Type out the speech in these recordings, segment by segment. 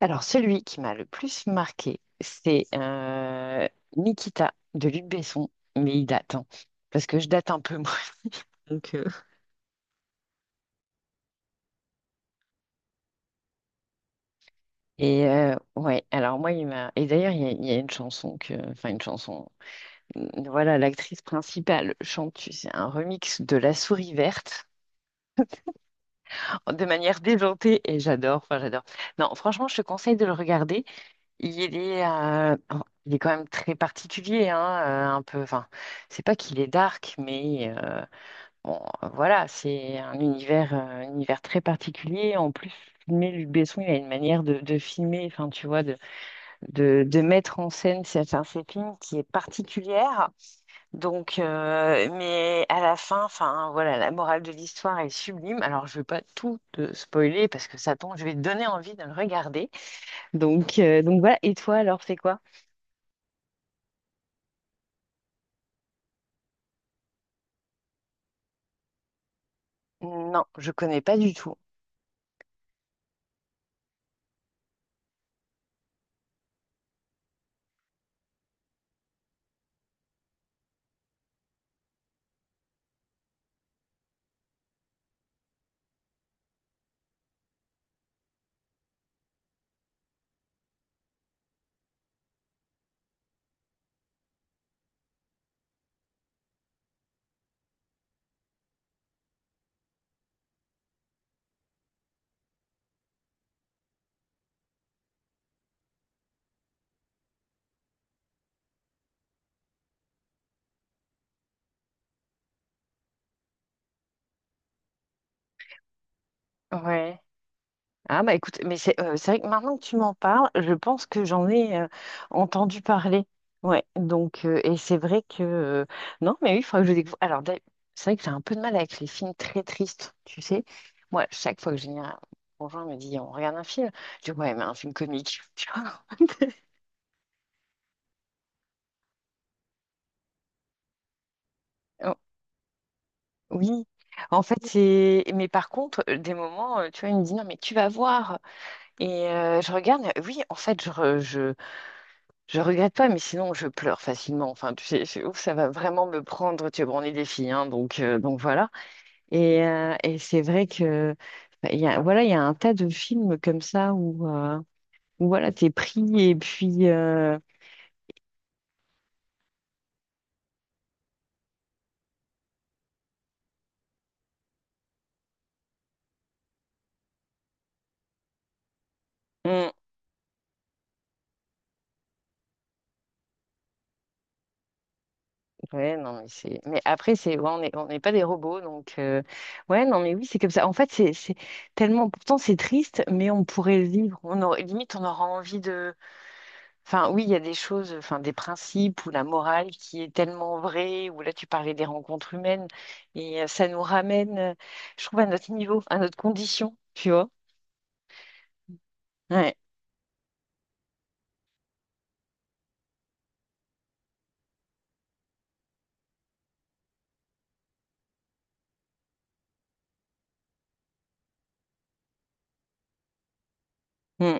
Alors, celui qui m'a le plus marqué, c'est Nikita de Luc Besson, mais il date, hein, parce que je date un peu, moi. Donc, et ouais, alors moi, il m'a. Et d'ailleurs, il y a une chanson que. Enfin, une chanson. Voilà, l'actrice principale chante, tu sais, un remix de La Souris Verte. De manière déjantée, et j'adore, enfin, j'adore. Non, franchement, je te conseille de le regarder. Il est, euh, oh, il est quand même très particulier, hein, un peu. Enfin, c'est pas qu'il est dark, mais. Bon, voilà, c'est un univers très particulier. En plus, filmer Luc Besson, il a une manière de filmer, enfin, tu vois, de mettre en scène certains films qui est particulière. Donc, mais à la fin, enfin, voilà, la morale de l'histoire est sublime. Alors, je ne vais pas tout te spoiler parce que ça tombe, je vais te donner envie de le regarder. Donc, voilà. Et toi, alors, c'est quoi? Non, je connais pas du tout. Ouais. Ah bah écoute, mais c'est vrai que maintenant que tu m'en parles, je pense que j'en ai entendu parler. Ouais, donc et c'est vrai que non, mais oui, il faudra que je découvre. Alors d'ailleurs, c'est vrai que j'ai un peu de mal avec les films très tristes, tu sais. Moi, chaque fois que j'ai un conjoint me dit on regarde un film, je dis ouais, mais un film comique, tu vois. Oh, oui, en fait, c'est. Mais par contre, des moments, tu vois, il me dit non, mais tu vas voir. Et je regarde, oui, en fait, je, Je regrette pas, mais sinon je pleure facilement. Enfin, tu sais, ouf, ça va vraiment me prendre. Tu sais, bon, on est des filles, hein, donc voilà. Et c'est vrai que bah, il y a un tas de films comme ça où, où, voilà, t'es pris et puis hmm, ouais, non, mais c'est. Mais après, c'est ouais, on n'est pas des robots, donc ouais, non, mais oui, c'est comme ça. En fait, c'est tellement. Pourtant, c'est triste, mais on pourrait le vivre. On aurait, limite, on aura envie de. Enfin, oui, il y a des choses, enfin, des principes ou la morale qui est tellement vraie, ou là, tu parlais des rencontres humaines, et ça nous ramène, je trouve, à notre niveau, à notre condition, tu vois. Ouais, mm,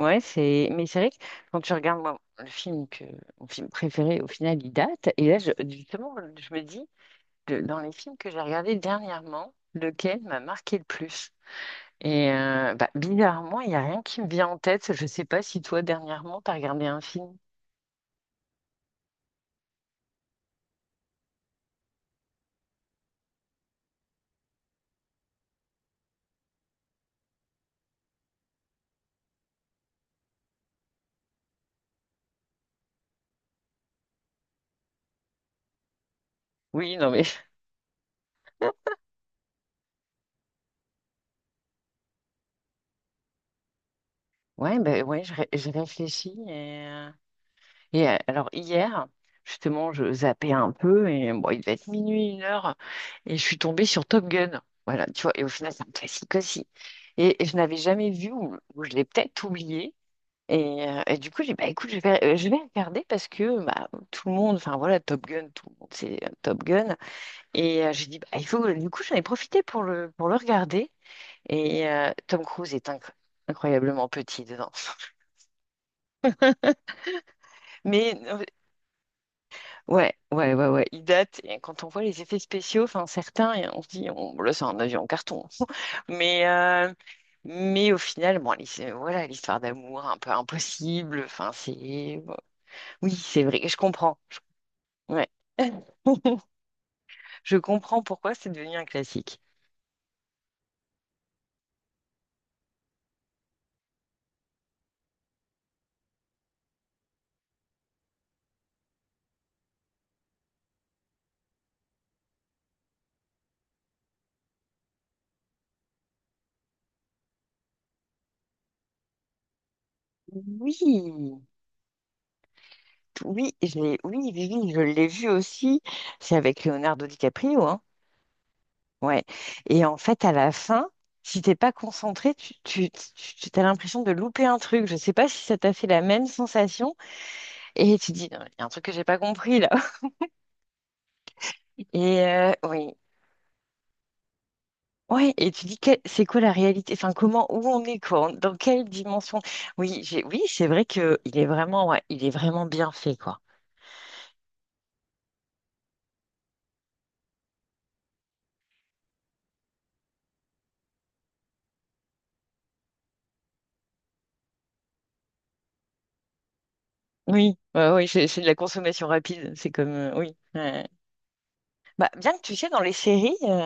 ouais, c'est, mais c'est vrai que quand tu regardes moi, le film que, mon film préféré, au final, il date, et là, justement, je me dis, dans les films que j'ai regardés dernièrement, lequel m'a marqué le plus? Et bah, bizarrement, il n'y a rien qui me vient en tête. Je ne sais pas si toi, dernièrement, tu as regardé un film. Oui, non, mais ouais, ben ouais, je réfléchis. Et, alors hier, justement, je zappais un peu et bon, il devait être minuit, une heure, et je suis tombée sur Top Gun. Voilà, tu vois, et au final, c'est un classique aussi. Et je n'avais jamais vu, ou je l'ai peut-être oublié. Et du coup, j'ai dit, bah écoute, je vais regarder parce que bah, tout le monde, enfin voilà, Top Gun, tout le monde c'est Top Gun. Et j'ai dit, bah, il faut, du coup, j'en ai profité pour le regarder. Et Tom Cruise est incroyablement petit dedans. Mais, ouais, ouais, ouais, ouais. Il date, et quand on voit les effets spéciaux, enfin certains, et on se dit, bon, là, c'est un avion en carton. Mais, euh, mais au final, bon, voilà, l'histoire d'amour un peu impossible. Enfin, c'est. Bon. Oui, c'est vrai, je comprends. Ouais. Je comprends pourquoi c'est devenu un classique. Oui, oui, oui, oui, oui, je l'ai vu aussi. C'est avec Leonardo DiCaprio, hein. Ouais. Et en fait, à la fin, si t'es pas concentré, tu as l'impression de louper un truc. Je sais pas si ça t'a fait la même sensation. Et tu dis, il y a un truc que j'ai pas compris là. Et oui. Ouais, et tu dis c'est quoi la réalité? Enfin, comment où on est quoi? Dans quelle dimension? Oui, j'ai oui, c'est vrai que il est vraiment bien fait quoi. Oui, ouais, oui, c'est de la consommation rapide. C'est comme oui, ouais. Bah, bien que tu sais, dans les séries,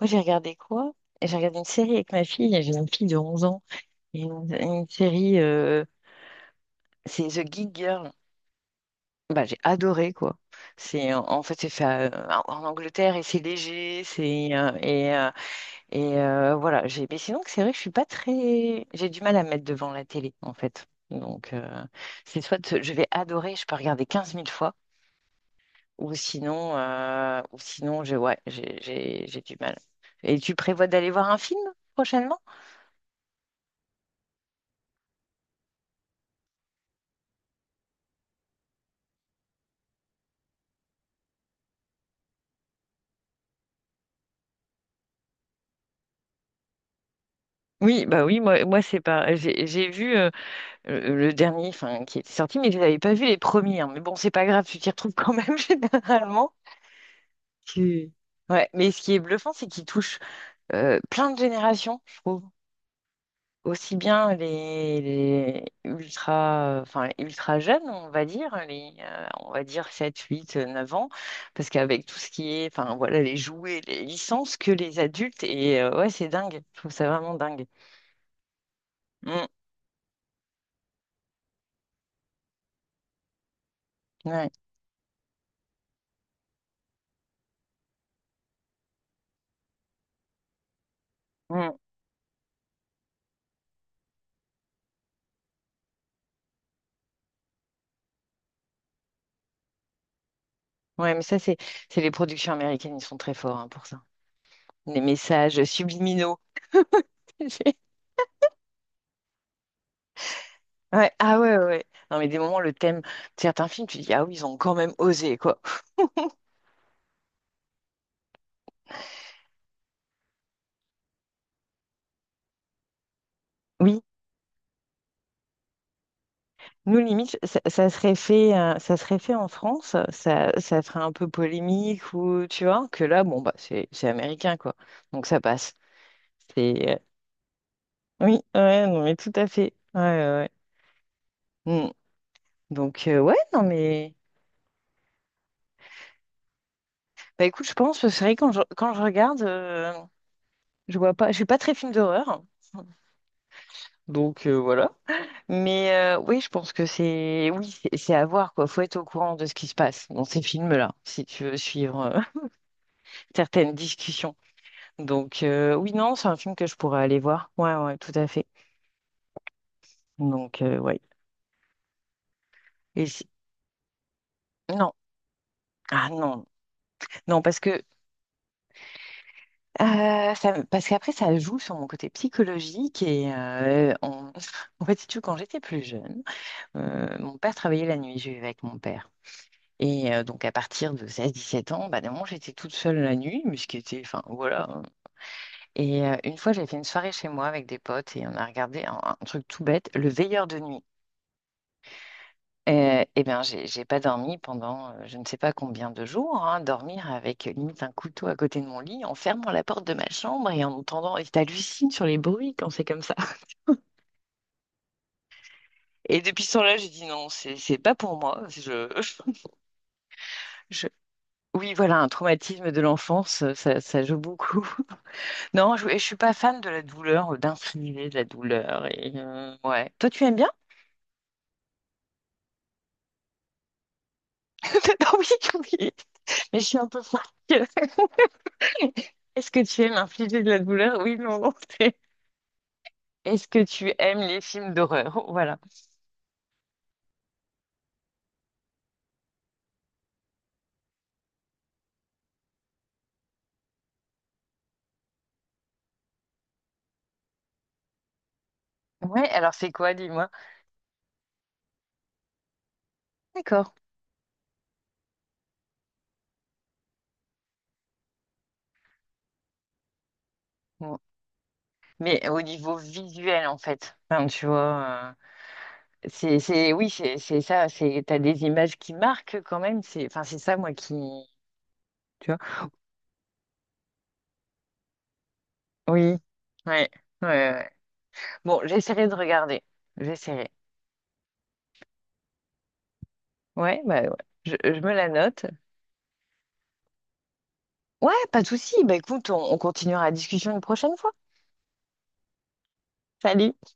moi j'ai regardé quoi? J'ai regardé une série avec ma fille, j'ai une fille de 11 ans, et une série, c'est The Geek Girl. Bah, j'ai adoré quoi. C'est en fait c'est fait en Angleterre et c'est léger, c'est et, voilà. J'ai Mais sinon c'est vrai que je suis pas très, j'ai du mal à me mettre devant la télé en fait. Donc c'est soit je vais adorer, je peux regarder 15 000 fois. Ou sinon, j'ai ouais, j'ai du mal. Et tu prévois d'aller voir un film prochainement? Oui, bah oui, moi c'est pas. J'ai vu le dernier, enfin, qui était sorti, mais je n'avais pas vu les premiers, hein. Mais bon, c'est pas grave, tu t'y retrouves quand même généralement. Tu- Ouais, mais ce qui est bluffant, c'est qu'il touche plein de générations, je trouve. Aussi bien les ultra, enfin, les ultra jeunes, on va dire, les, on va dire 7 8 9 ans, parce qu'avec tout ce qui est, enfin, voilà, les jouets, les licences, que les adultes, et ouais, c'est dingue, je trouve ça vraiment dingue. Mm, ouais, mm. Ouais, mais ça, c'est les productions américaines, ils sont très forts hein, pour ça. Les messages subliminaux. Ouais, ah ouais, ouais, ouais. Non, mais des moments, le thème de certains films, tu dis, ah oui, ils ont quand même osé, quoi. Oui. Nous, limite, ça serait fait en France, ça ferait un peu polémique ou tu vois, que là, bon, bah, c'est américain, quoi. Donc ça passe. C'est, euh, oui, ouais, non, mais tout à fait. Ouais, ouais, ouais. Mm. Donc, ouais, non, mais. Bah, écoute, je pense, c'est vrai, quand je, regarde, je vois pas, je suis pas très film d'horreur. Donc, voilà. Mais oui, je pense que c'est, oui, c'est à voir, quoi. Faut être au courant de ce qui se passe dans ces films-là, si tu veux suivre certaines discussions. Donc, oui, non, c'est un film que je pourrais aller voir. Ouais, ouais, tout à fait. Donc, ouais. Et si- Non. Ah non. Non, parce qu'après, ça joue sur mon côté psychologique. Et en fait, si tu veux, quand j'étais plus jeune, mon père travaillait la nuit. Je vivais avec mon père. Et donc, à partir de 16-17 ans, bah, d'un moment, j'étais toute seule la nuit, mais ce qui était. Enfin, voilà, hein. Et une fois, j'ai fait une soirée chez moi avec des potes et on a regardé un truc tout bête, Le Veilleur de nuit. Eh bien, j'ai pas dormi pendant je ne sais pas combien de jours, hein, dormir avec limite un couteau à côté de mon lit, en fermant la porte de ma chambre et en entendant, et t'hallucines sur les bruits quand c'est comme ça. Et depuis ce temps-là, j'ai dit non, c'est pas pour moi. Je- Oui, voilà, un traumatisme de l'enfance, ça, ça joue beaucoup. Non, je suis pas fan de la douleur, d'infliger de la douleur. Et ouais. Toi, tu aimes bien? Non, oui, oui, mais je suis un peu folle. Est-ce que tu aimes infliger de la douleur? Oui, non, non. Est-ce que tu aimes les films d'horreur? Voilà. Ouais, alors c'est quoi, dis-moi? D'accord. Bon. Mais au niveau visuel, en fait, enfin, tu vois, oui, c'est ça, t'as des images qui marquent quand même, c'est, enfin, c'est ça, moi, qui, tu vois? Oui, ouais, ouais, ouais. Bon, j'essaierai de regarder, j'essaierai. Ouais, bah, ouais. Je me la note. Ouais, pas de souci, bah, écoute, on continuera la discussion une prochaine fois. Salut!